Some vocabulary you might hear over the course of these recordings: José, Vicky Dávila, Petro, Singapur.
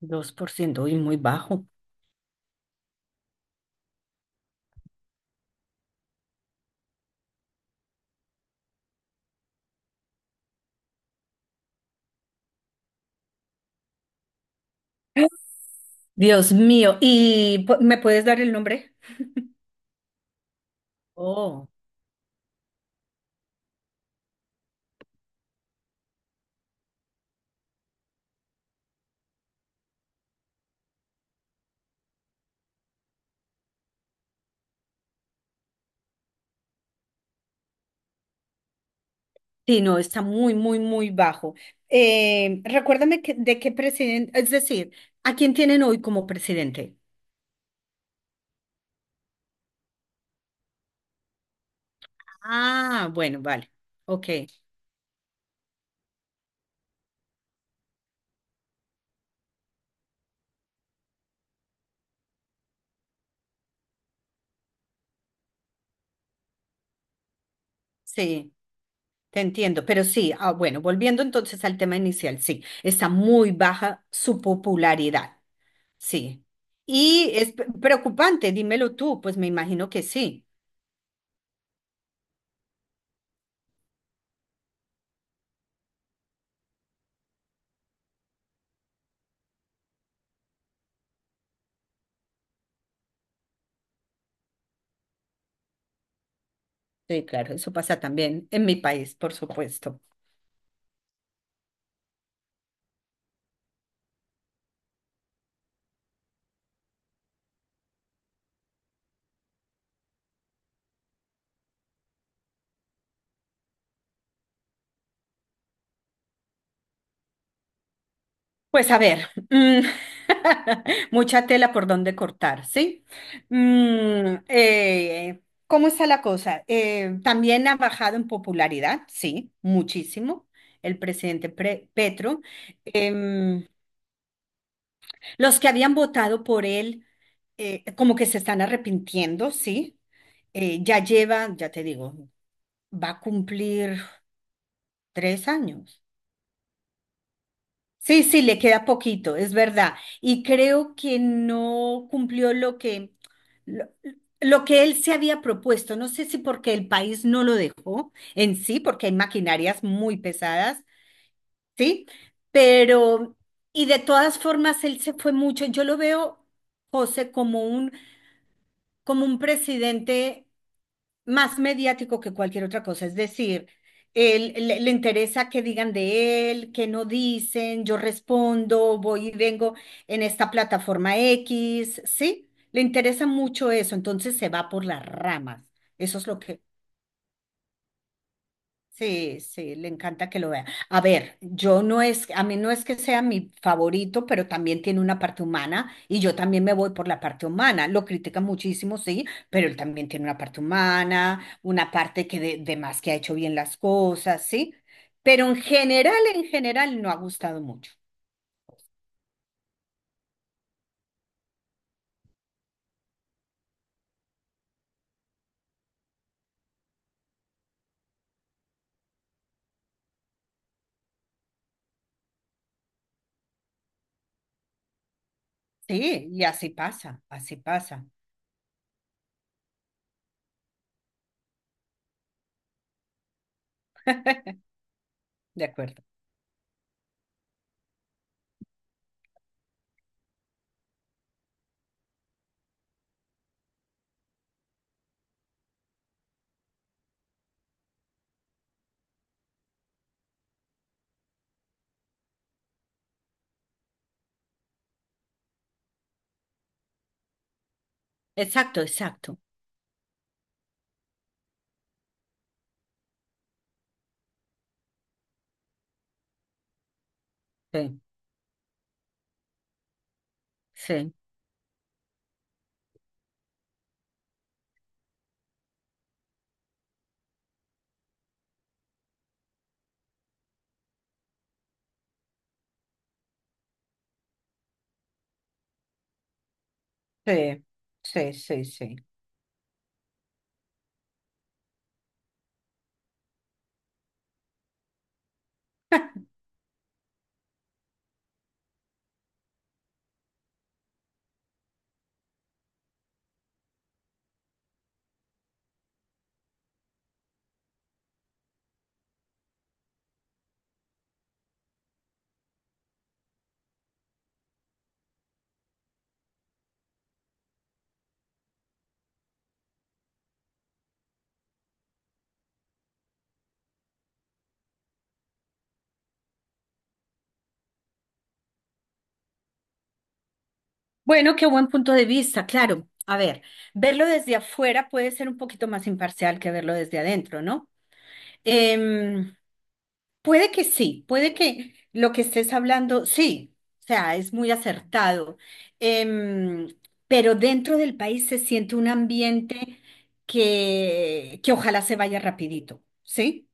2% y muy bajo. Dios mío, ¿y me puedes dar el nombre? Oh, sí, no, está muy, muy, muy bajo. Recuérdame de qué presidente, es decir, ¿a quién tienen hoy como presidente? Ah, bueno, vale. Ok, sí, te entiendo. Pero sí, ah, bueno, volviendo entonces al tema inicial, sí, está muy baja su popularidad, sí. Y es preocupante, dímelo tú, pues me imagino que sí. Sí, claro, eso pasa también en mi país, por supuesto. Pues a ver, mm, mucha tela por donde cortar, ¿sí? Mm, eh, ¿Cómo está la cosa? También ha bajado en popularidad, sí, muchísimo, el presidente Petro. Em, los que habían votado por él, como que se están arrepintiendo, ¿sí? Ya lleva, ya te digo, va a cumplir 3 años. Sí, sí, le queda poquito, es verdad. Y creo que no cumplió lo, lo que él se había propuesto. No sé si porque el país no lo dejó, en sí, porque hay maquinarias muy pesadas, ¿sí? Pero, y de todas formas, él se fue mucho. Yo lo veo, José, como como un presidente más mediático que cualquier otra cosa. Es decir, le interesa que digan de él, que no dicen, yo respondo, voy y vengo en esta plataforma X, ¿sí? Le interesa mucho eso, entonces se va por las ramas. Eso es lo que... Sí, sí, le encanta que lo vea. A ver, yo no es, a mí no es que sea mi favorito, pero también tiene una parte humana y yo también me voy por la parte humana. Lo critica muchísimo, sí, pero él también tiene una parte humana, una parte que de más, que ha hecho bien las cosas, sí. Pero en general, no ha gustado mucho. Sí, y así pasa, así pasa. De acuerdo. Exacto, exacto. Sí, sí, sí, sí, sí, sí. Bueno, qué buen punto de vista, claro. A ver, verlo desde afuera puede ser un poquito más imparcial que verlo desde adentro, ¿no? Em, Puede que sí, puede que lo que estés hablando, sí, o sea, es muy acertado. Em, pero dentro del país se siente un ambiente que ojalá se vaya rapidito, ¿sí?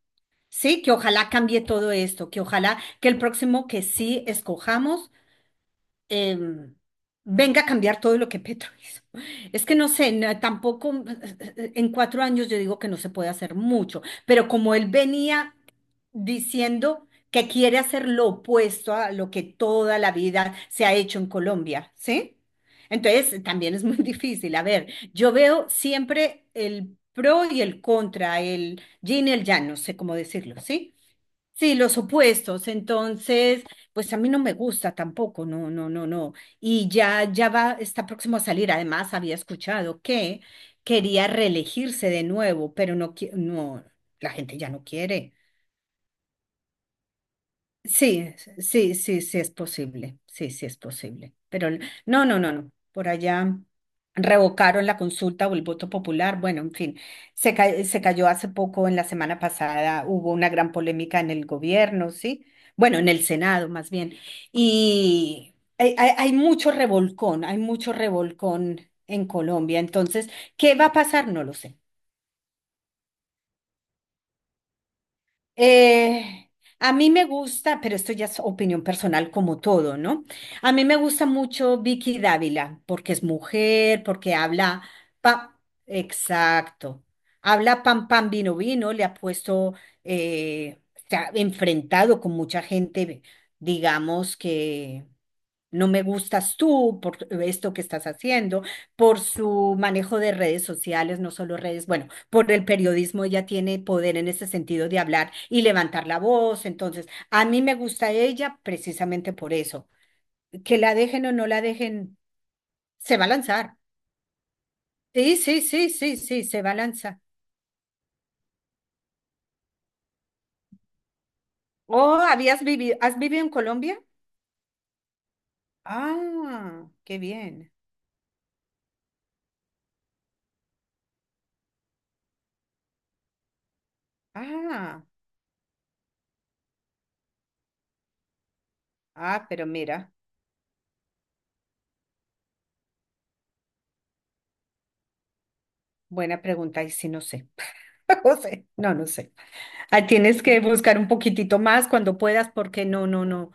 Sí, que ojalá cambie todo esto, que ojalá que el próximo que sí escojamos, em, venga a cambiar todo lo que Petro hizo. Es que no sé, tampoco, en 4 años yo digo que no se puede hacer mucho, pero como él venía diciendo que quiere hacer lo opuesto a lo que toda la vida se ha hecho en Colombia, ¿sí? Entonces también es muy difícil. A ver, yo veo siempre el pro y el contra, el yin y el yang, no sé cómo decirlo, ¿sí? Sí, los opuestos. Entonces, pues a mí no me gusta tampoco, no, no, no, no. Y ya, ya va, está próximo a salir. Además, había escuchado que quería reelegirse de nuevo, pero no, no, la gente ya no quiere. Sí, sí, sí, sí es posible, sí, sí es posible. No, no, no, no. Por allá revocaron la consulta o el voto popular. Bueno, en fin, se, se cayó hace poco, en la semana pasada hubo una gran polémica en el gobierno, ¿sí? Bueno, en el Senado más bien. Y hay mucho revolcón en Colombia. Entonces, ¿qué va a pasar? No lo sé. Eh, a mí me gusta, pero esto ya es opinión personal como todo, ¿no? A mí me gusta mucho Vicky Dávila porque es mujer, porque habla, pa- exacto, habla pam pam vino vino, le ha puesto, eh, se ha enfrentado con mucha gente, digamos que no me gustas tú por esto que estás haciendo, por su manejo de redes sociales, no solo redes, bueno, por el periodismo ella tiene poder en ese sentido de hablar y levantar la voz. Entonces, a mí me gusta ella precisamente por eso. Que la dejen o no la dejen, se va a lanzar. Sí, sí, sí, sí, sí, se va a lanzar. Oh, ¿habías vivido, has vivido en Colombia? Ah, qué bien. Ah, ah, pero mira, buena pregunta, y si no sé. No sé, no, no sé. Ah, tienes que buscar un poquitito más cuando puedas, porque no, no, no,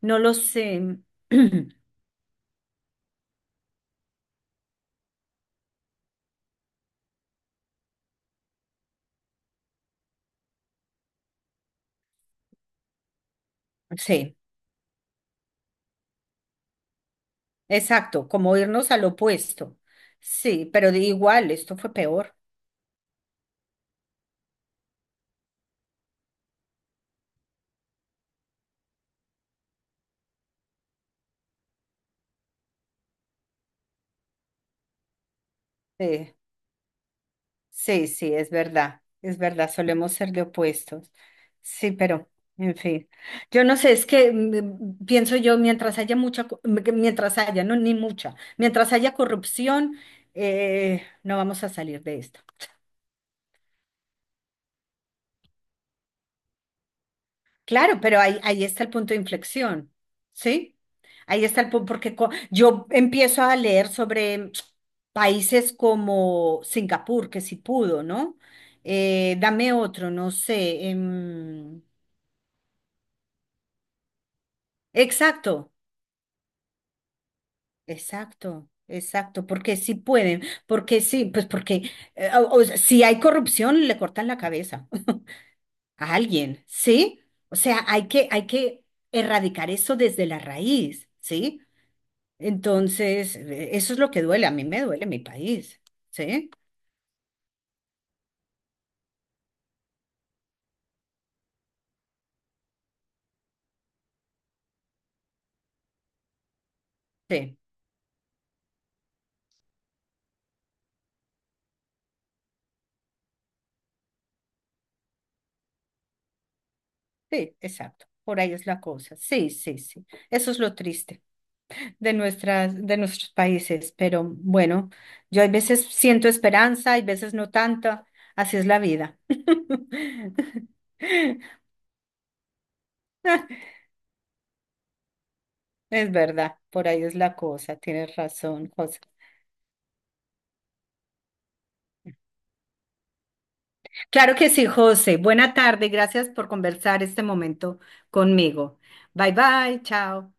no lo sé. Sí, exacto, como irnos al opuesto. Sí, pero de igual, esto fue peor. Sí, sí, sí, es verdad, solemos ser de opuestos. Sí, pero, en fin, yo no sé, es que mm, pienso yo, mientras haya, no, ni mucha, mientras haya corrupción, no vamos a salir de esto. Claro, pero ahí está el punto de inflexión, ¿sí? Ahí está el punto, porque yo empiezo a leer sobre países como Singapur, que sí pudo, ¿no? Dame otro, no sé. Exacto, exacto, exacto, porque sí pueden, porque sí, pues porque o sea, si hay corrupción, le cortan la cabeza a alguien, ¿sí? O sea, hay que erradicar eso desde la raíz, ¿sí? Entonces, eso es lo que duele. A mí me duele mi país, ¿sí? Sí, sí, exacto. Por ahí es la cosa. Sí, sí, sí. Eso es lo triste de nuestras, de nuestros países. Pero bueno, yo hay veces siento esperanza, hay veces no tanta. Así es la vida. Es verdad, por ahí es la cosa. Tienes razón, José. Claro que sí, José. Buena tarde. Gracias por conversar este momento conmigo. Bye, bye. Chao.